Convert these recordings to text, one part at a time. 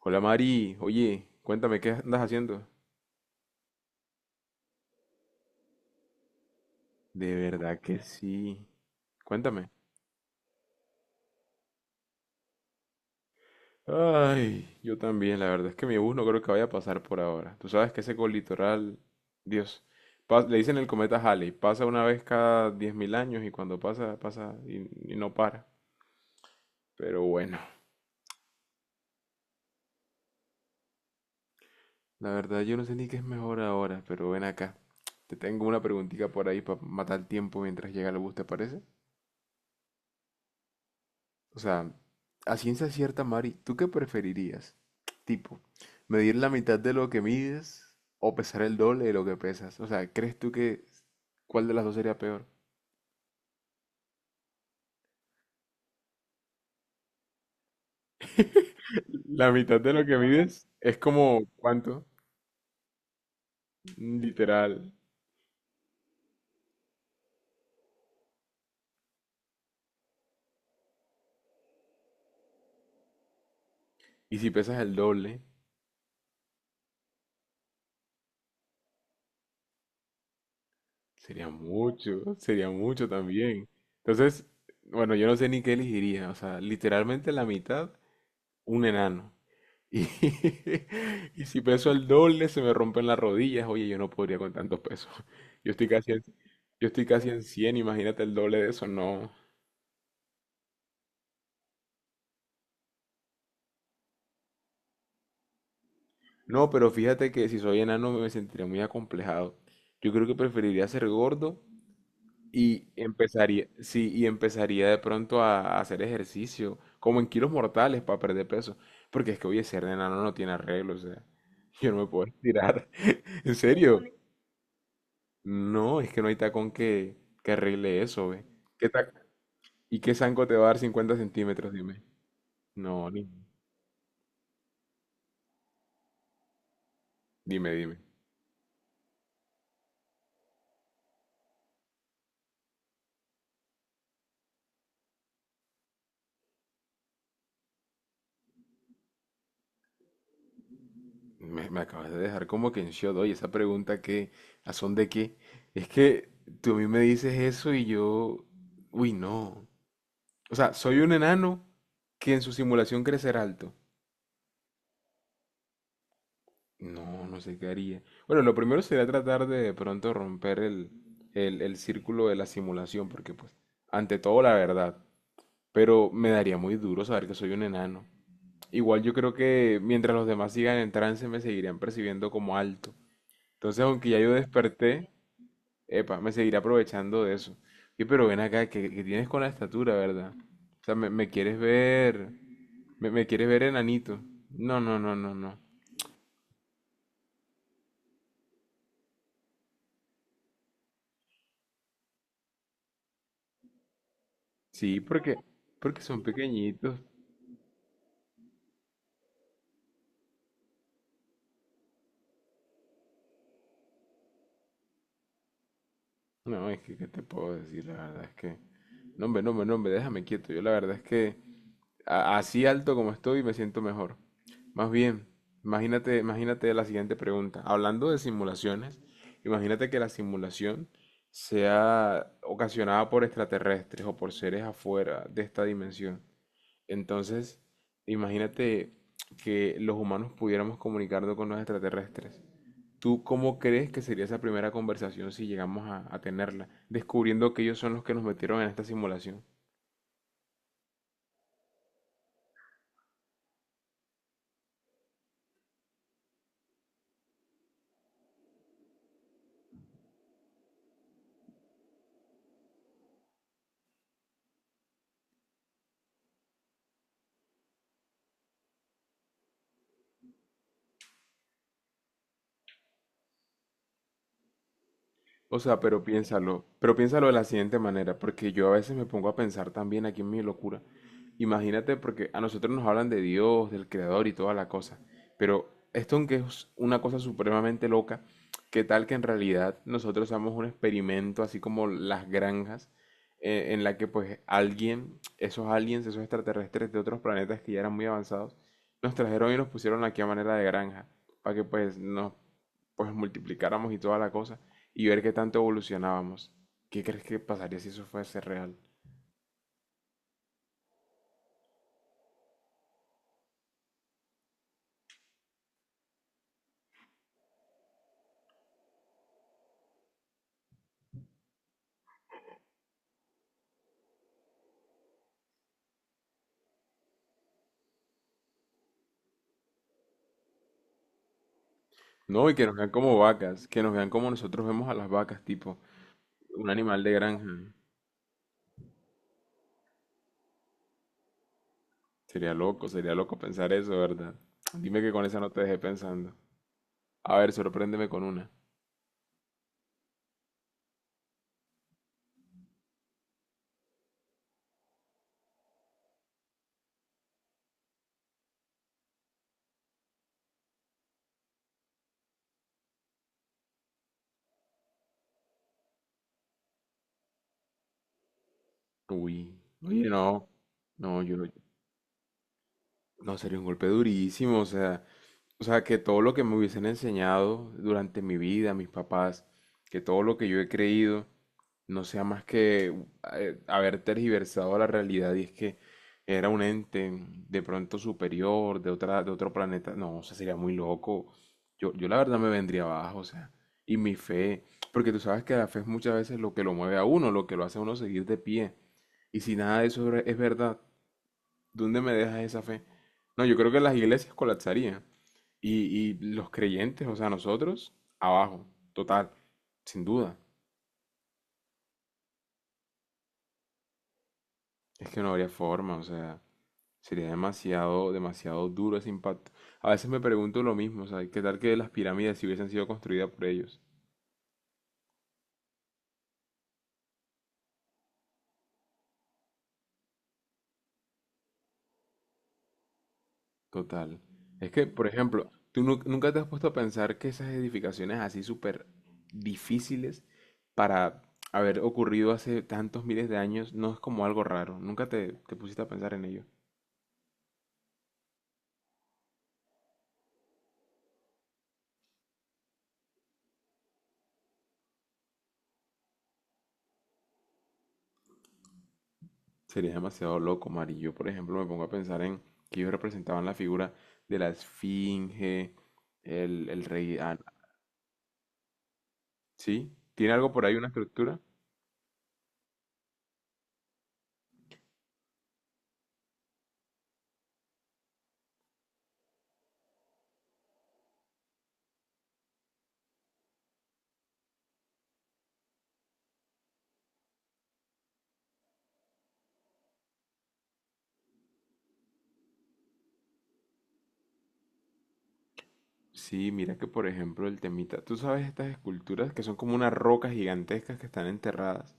Hola Mari, oye, cuéntame qué andas haciendo. De verdad que sí. Cuéntame. Ay, yo también, la verdad es que mi bus no creo que vaya a pasar por ahora. Tú sabes que ese colitoral, Dios, le dicen el cometa Halley, pasa una vez cada 10.000 años y cuando pasa, pasa y no para. Pero bueno, la verdad yo no sé ni qué es mejor ahora, pero ven acá. Te tengo una preguntita por ahí para matar el tiempo mientras llega el bus, ¿te parece? O sea, a ciencia cierta, Mari, ¿tú qué preferirías? Tipo, ¿medir la mitad de lo que mides o pesar el doble de lo que pesas? O sea, ¿crees tú que cuál de las dos sería peor? La mitad de lo que mides es como, ¿cuánto? Literal. Y si pesas el doble, sería mucho también. Entonces, bueno, yo no sé ni qué elegiría. O sea, literalmente la mitad, un enano. Y, y si peso el doble, se me rompen las rodillas. Oye, yo no podría con tantos pesos. Yo estoy casi en, yo estoy casi en 100, imagínate el doble de eso. No, no, pero fíjate que si soy enano me sentiría muy acomplejado. Yo creo que preferiría ser gordo y empezaría, sí, y empezaría de pronto a hacer ejercicio, como en kilos mortales para perder peso. Porque es que, oye, ser enano no tiene arreglo, o sea, yo no me puedo estirar. En serio, no, es que no hay tacón que arregle eso, ve. ¿Qué ta- ¿Y qué zanco te va a dar 50 centímetros? Dime. No, ni. Dime, dime. Me acabas de dejar como que en shock, oye, esa pregunta que, ¿a son de qué? Es que tú a mí me dices eso y yo, uy, no. O sea, soy un enano que en su simulación crecerá alto. No, no sé qué haría. Bueno, lo primero sería tratar de pronto romper el círculo de la simulación, porque pues, ante todo la verdad. Pero me daría muy duro saber que soy un enano. Igual yo creo que mientras los demás sigan en trance me seguirían percibiendo como alto. Entonces, aunque ya yo desperté, epa, me seguiré aprovechando de eso. Y pero ven acá, que tienes con la estatura, ¿verdad? O sea, me quieres ver, me quieres ver enanito. No, no, no, no, no. Sí, porque, porque son pequeñitos. No, es que, ¿qué te puedo decir? La verdad es que... No, hombre, no, hombre, no, hombre, déjame quieto. Yo la verdad es que así alto como estoy, me siento mejor. Más bien, imagínate, imagínate la siguiente pregunta. Hablando de simulaciones, imagínate que la simulación sea ocasionada por extraterrestres o por seres afuera de esta dimensión. Entonces, imagínate que los humanos pudiéramos comunicarnos con los extraterrestres. ¿Tú cómo crees que sería esa primera conversación si llegamos a tenerla, descubriendo que ellos son los que nos metieron en esta simulación? O sea, pero piénsalo de la siguiente manera, porque yo a veces me pongo a pensar también aquí en mi locura. Imagínate, porque a nosotros nos hablan de Dios, del Creador y toda la cosa, pero esto aunque es una cosa supremamente loca, ¿qué tal que en realidad nosotros somos un experimento, así como las granjas, en la que pues alguien, esos aliens, esos extraterrestres de otros planetas que ya eran muy avanzados, nos trajeron y nos pusieron aquí a manera de granja, para que pues multiplicáramos y toda la cosa y ver qué tanto evolucionábamos. ¿Qué crees que pasaría si eso fuese real? No, y que nos vean como vacas, que nos vean como nosotros vemos a las vacas, tipo un animal de granja. Sería loco pensar eso, ¿verdad? Dime que con esa no te dejé pensando. A ver, sorpréndeme con una. Uy, oye, no, no, yo no, no, sería un golpe durísimo, o sea, o sea, que todo lo que me hubiesen enseñado durante mi vida, mis papás, que todo lo que yo he creído, no sea más que haber tergiversado la realidad y es que era un ente de pronto superior, de otra, de otro planeta. No, o sea, sería muy loco. Yo la verdad me vendría abajo, o sea, y mi fe, porque tú sabes que la fe es muchas veces lo que lo mueve a uno, lo que lo hace a uno seguir de pie. Y si nada de eso es verdad, ¿dónde me dejas esa fe? No, yo creo que las iglesias colapsarían. Y, y los creyentes, o sea, nosotros, abajo, total, sin duda. Es que no habría forma, o sea, sería demasiado, demasiado duro ese impacto. A veces me pregunto lo mismo, o sea, ¿qué tal que las pirámides si hubiesen sido construidas por ellos? Total. Es que, por ejemplo, nunca te has puesto a pensar que esas edificaciones así súper difíciles para haber ocurrido hace tantos miles de años no es como algo raro. Nunca te pusiste a pensar en ello. Sería demasiado loco, Mari. Yo, por ejemplo, me pongo a pensar en que ellos representaban la figura de la esfinge, el rey... ah. ¿Sí? ¿Tiene algo por ahí, una estructura? Sí, mira que, por ejemplo, el temita... ¿Tú sabes estas esculturas que son como unas rocas gigantescas que están enterradas?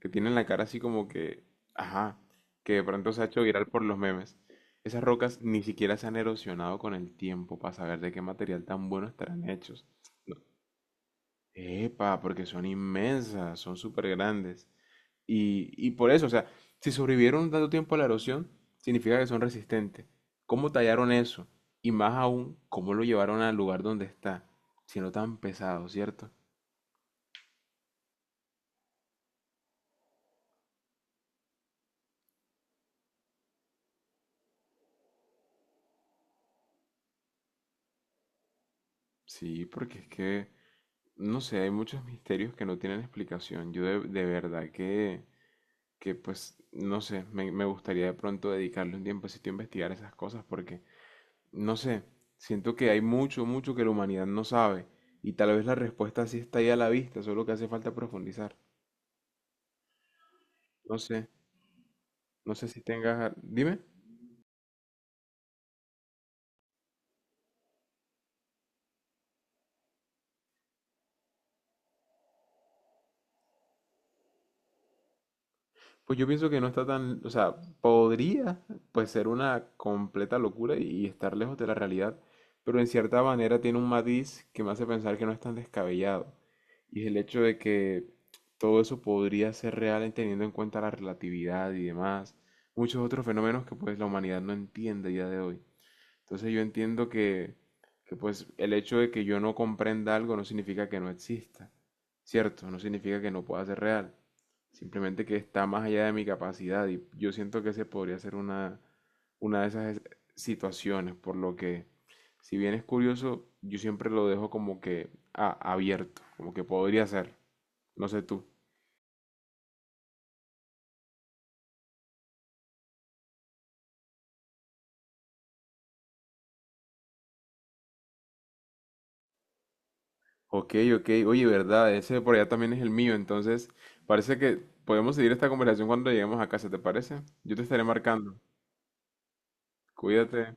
Que tienen la cara así como que... Ajá, que de pronto se ha hecho viral por los memes. Esas rocas ni siquiera se han erosionado con el tiempo para saber de qué material tan bueno estarán hechos. Epa, porque son inmensas, son súper grandes. Y por eso, o sea, si sobrevivieron tanto tiempo a la erosión, significa que son resistentes. ¿Cómo tallaron eso? Y más aún, ¿cómo lo llevaron al lugar donde está? Siendo tan pesado, ¿cierto? Sí, porque es que, no sé, hay muchos misterios que no tienen explicación. Yo de verdad que, pues, no sé, me gustaría de pronto dedicarle un tiempecito a investigar esas cosas porque no sé, siento que hay mucho, mucho que la humanidad no sabe y tal vez la respuesta sí está ahí a la vista, solo que hace falta profundizar. No sé, no sé si tengas... Dime. Pues yo pienso que no está tan... O sea, podría pues ser una completa locura y estar lejos de la realidad, pero en cierta manera tiene un matiz que me hace pensar que no es tan descabellado. Y es el hecho de que todo eso podría ser real teniendo en cuenta la relatividad y demás, muchos otros fenómenos que pues la humanidad no entiende a día de hoy. Entonces yo entiendo que, pues el hecho de que yo no comprenda algo no significa que no exista, ¿cierto? No significa que no pueda ser real. Simplemente que está más allá de mi capacidad y yo siento que se podría ser una de esas situaciones, por lo que si bien es curioso, yo siempre lo dejo como que ah, abierto, como que podría ser, no sé tú. Ok, ok. Oye, verdad, ese por allá también es el mío, entonces parece que podemos seguir esta conversación cuando lleguemos a casa, ¿te parece? Yo te estaré marcando. Cuídate.